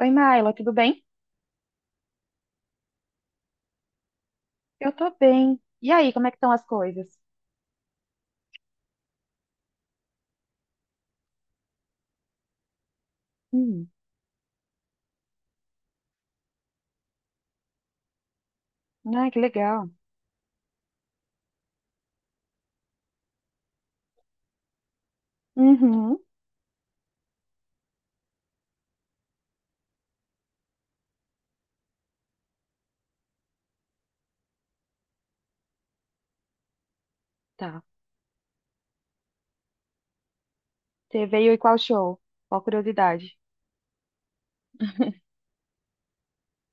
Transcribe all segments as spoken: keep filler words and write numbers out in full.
Oi, Maila, tudo bem? Eu tô bem. E aí, como é que estão as coisas? Hum, ah, que legal. Uhum, tá. Você veio e qual show? Qual curiosidade?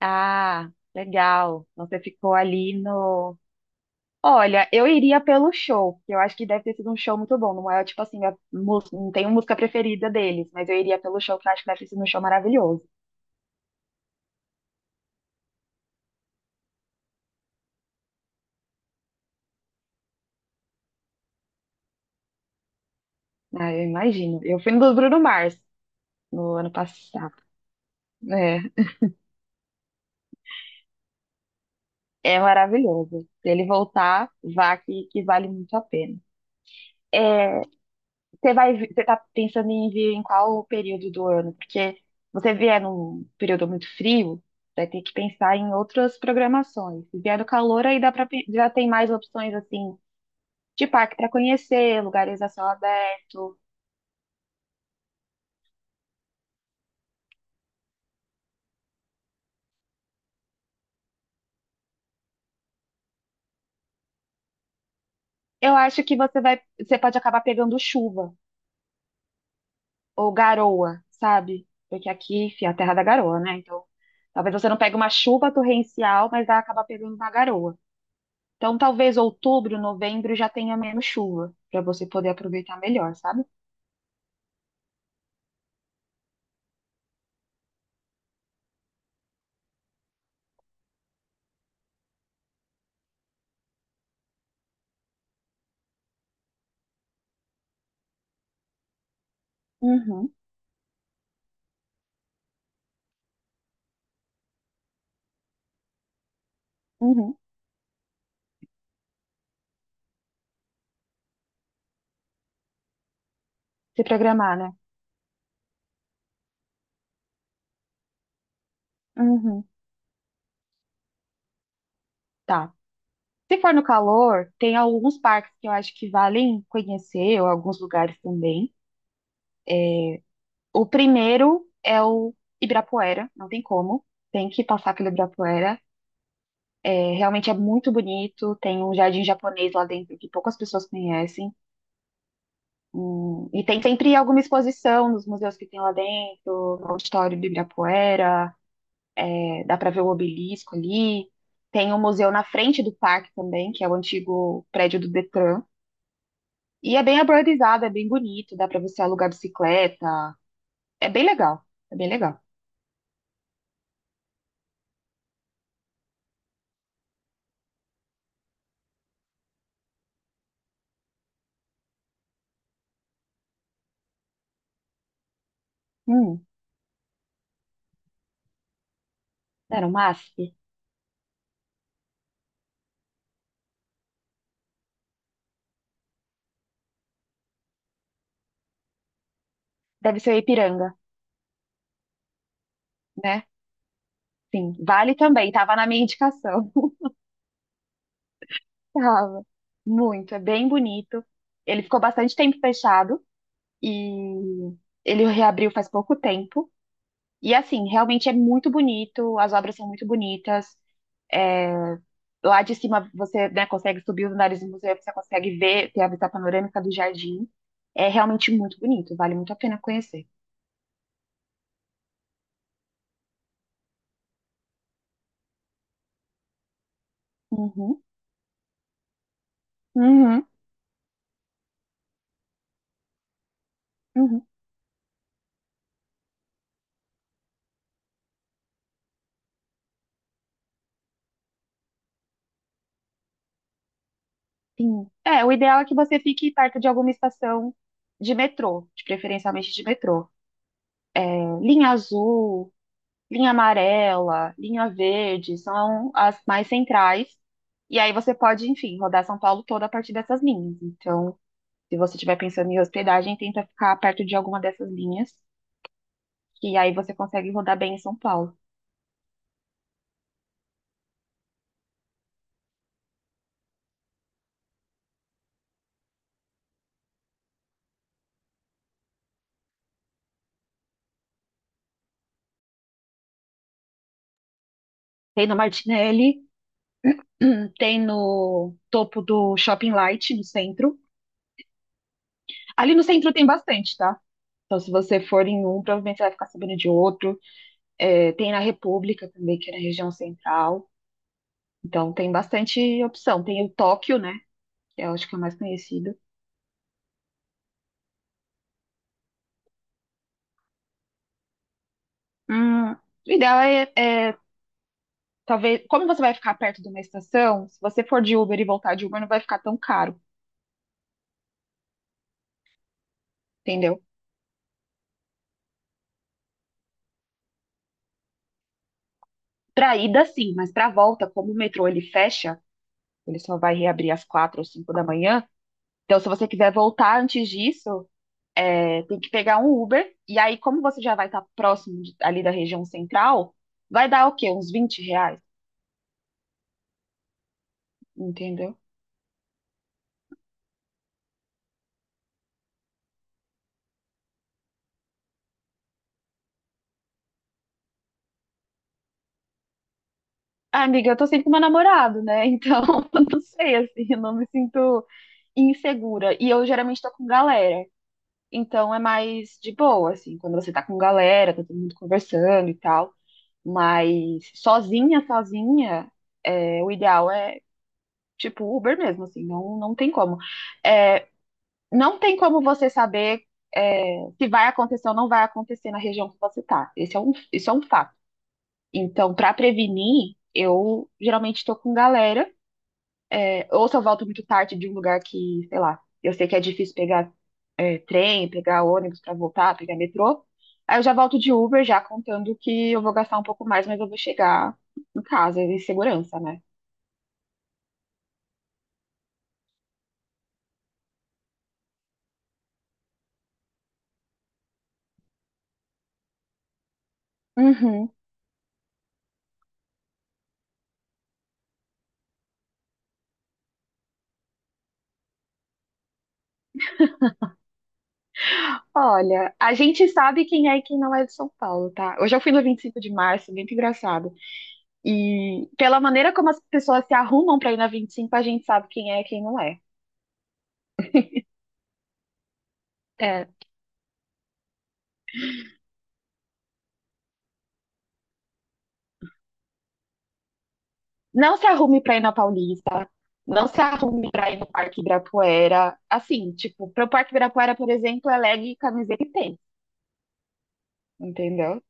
Ah, legal. Então você ficou ali no. Olha, eu iria pelo show, porque eu acho que deve ter sido um show muito bom. Não é tipo assim, a mus- não tenho música preferida deles, mas eu iria pelo show, que eu acho que deve ter sido um show maravilhoso. Ah, eu imagino. Eu fui no do Bruno Mars no ano passado. É. É maravilhoso. Se ele voltar, vá que, que vale muito a pena. É, você vai, vi- você tá pensando em vir em qual período do ano? Porque se você vier num período muito frio, vai ter que pensar em outras programações. Se vier no calor, aí dá pra, pe- já tem mais opções assim de parque para conhecer, lugares a céu aberto. Eu acho que você vai, você pode acabar pegando chuva ou garoa, sabe? Porque aqui, enfim, é a terra da garoa, né? Então, talvez você não pegue uma chuva torrencial, mas vai acabar pegando uma garoa. Então, talvez outubro, novembro já tenha menos chuva, para você poder aproveitar melhor, sabe? Uhum, uhum. Se programar, né? Uhum, tá. Se for no calor, tem alguns parques que eu acho que valem conhecer, ou alguns lugares também. O primeiro é o Ibirapuera, não tem como, tem que passar pelo Ibirapuera. É, realmente é muito bonito, tem um jardim japonês lá dentro que poucas pessoas conhecem. Hum, e tem sempre alguma exposição nos museus que tem lá dentro, no auditório do Ibirapuera. É, dá para ver o obelisco ali. Tem um museu na frente do parque também, que é o antigo prédio do Detran. E é bem arborizado, é bem bonito, dá para você alugar bicicleta. É bem legal, é bem legal. Hum, era o MASP? Deve ser o Ipiranga, né? Sim, vale também, tava na minha indicação. Tava. Muito, é bem bonito. Ele ficou bastante tempo fechado e ele reabriu faz pouco tempo. E assim, realmente é muito bonito, as obras são muito bonitas. é, Lá de cima você, né, consegue subir os andares do museu, você consegue ver, ter a vista panorâmica do jardim. É realmente muito bonito, vale muito a pena conhecer. Uhum, uhum, uhum, sim. É, o ideal é que você fique perto de alguma estação de metrô, de preferencialmente de metrô. É, linha azul, linha amarela, linha verde, são as mais centrais. E aí você pode, enfim, rodar São Paulo toda a partir dessas linhas. Então, se você estiver pensando em hospedagem, tenta ficar perto de alguma dessas linhas, que aí você consegue rodar bem em São Paulo. Tem no Martinelli, tem no topo do Shopping Light, no centro. Ali no centro tem bastante, tá? Então, se você for em um, provavelmente você vai ficar sabendo de outro. É, tem na República também, que é na região central. Então, tem bastante opção. Tem o Tóquio, né? Que eu acho que é o mais conhecido. Hum, o ideal é, é, talvez, como você vai ficar perto de uma estação, se você for de Uber e voltar de Uber, não vai ficar tão caro, entendeu? Pra ida, sim, mas pra volta, como o metrô ele fecha, ele só vai reabrir às quatro ou cinco da manhã. Então, se você quiser voltar antes disso, é, tem que pegar um Uber. E aí, como você já vai estar próximo de- ali da região central, vai dar o quê? Uns vinte reais, entendeu? Ah, amiga, eu tô sempre com meu namorado, né? Então, eu não sei, assim, eu não me sinto insegura. E eu geralmente tô com galera. Então, é mais de boa, assim, quando você tá com galera, tá todo mundo conversando e tal. Mas sozinha, sozinha, é, o ideal é tipo, Uber mesmo, assim, não, não tem como. É, não tem como você saber, é, se vai acontecer ou não vai acontecer na região que você tá. Esse é um, isso é um fato. Então, para prevenir, eu geralmente estou com galera, é, ou se eu volto muito tarde de um lugar que, sei lá, eu sei que é difícil pegar, é, trem, pegar ônibus para voltar, pegar metrô. Aí eu já volto de Uber, já contando que eu vou gastar um pouco mais, mas eu vou chegar em casa, em segurança, né? Uhum. Olha, a gente sabe quem é e quem não é de São Paulo, tá? Hoje eu fui no vinte e cinco de março, muito engraçado. E pela maneira como as pessoas se arrumam pra ir na vinte e cinco, a gente sabe quem é e quem não é. É, não se arrume pra ir na Paulista, não se arrume pra ir no Parque Ibirapuera. Assim, tipo, pro Parque Ibirapuera, por exemplo, é leg, camiseta e tênis, entendeu?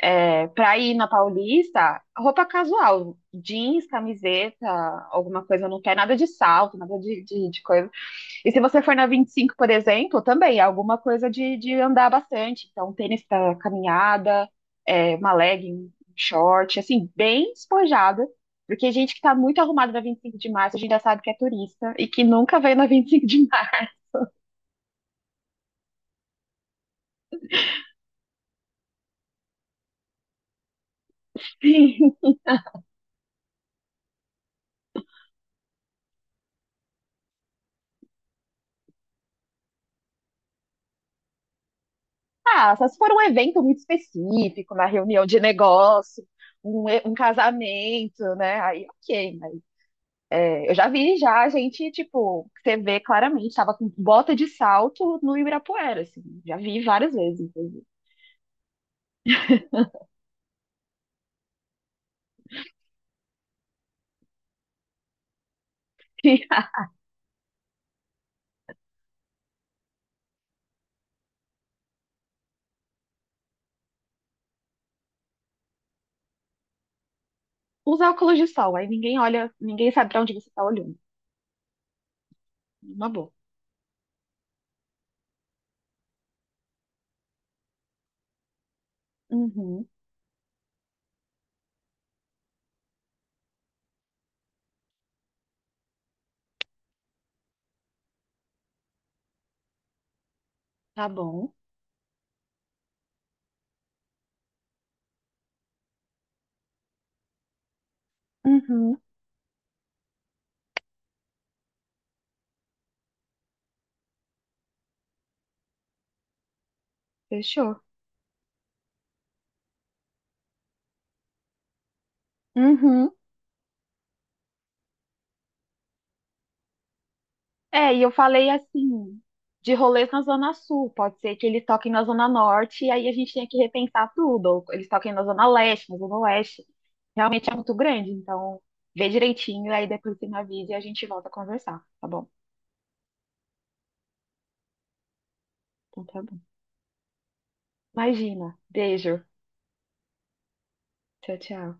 É, pra ir na Paulista, roupa casual, jeans, camiseta, alguma coisa no pé, nada de salto, nada de, de, de coisa. E se você for na vinte e cinco, por exemplo, também é alguma coisa de, de andar bastante. Então, tênis para caminhada, é, uma legging, um short, assim, bem despojada. Porque gente que tá muito arrumada na vinte e cinco de março, a gente já sabe que é turista e que nunca veio na vinte e cinco de março. Ah, só se for um evento muito específico, na reunião de negócio, um, e- um casamento, né? Aí, ok. Mas, é, eu já vi já gente, tipo, que você vê claramente, tava com bota de salto no Ibirapuera, assim. Já vi várias vezes, inclusive. Usa óculos de sol, aí ninguém olha, ninguém sabe pra onde você tá olhando. Uma boa. Uhum, tá bom, uhum, fechou. Uhum. É, e eu falei assim, de rolês na Zona Sul, pode ser que eles toquem na Zona Norte, e aí a gente tem que repensar tudo, ou eles toquem na Zona Leste, na Zona Oeste. Realmente é muito grande, então vê direitinho, aí depois você me avisa e a gente volta a conversar, tá bom? Então tá bom. Imagina, beijo, tchau, tchau.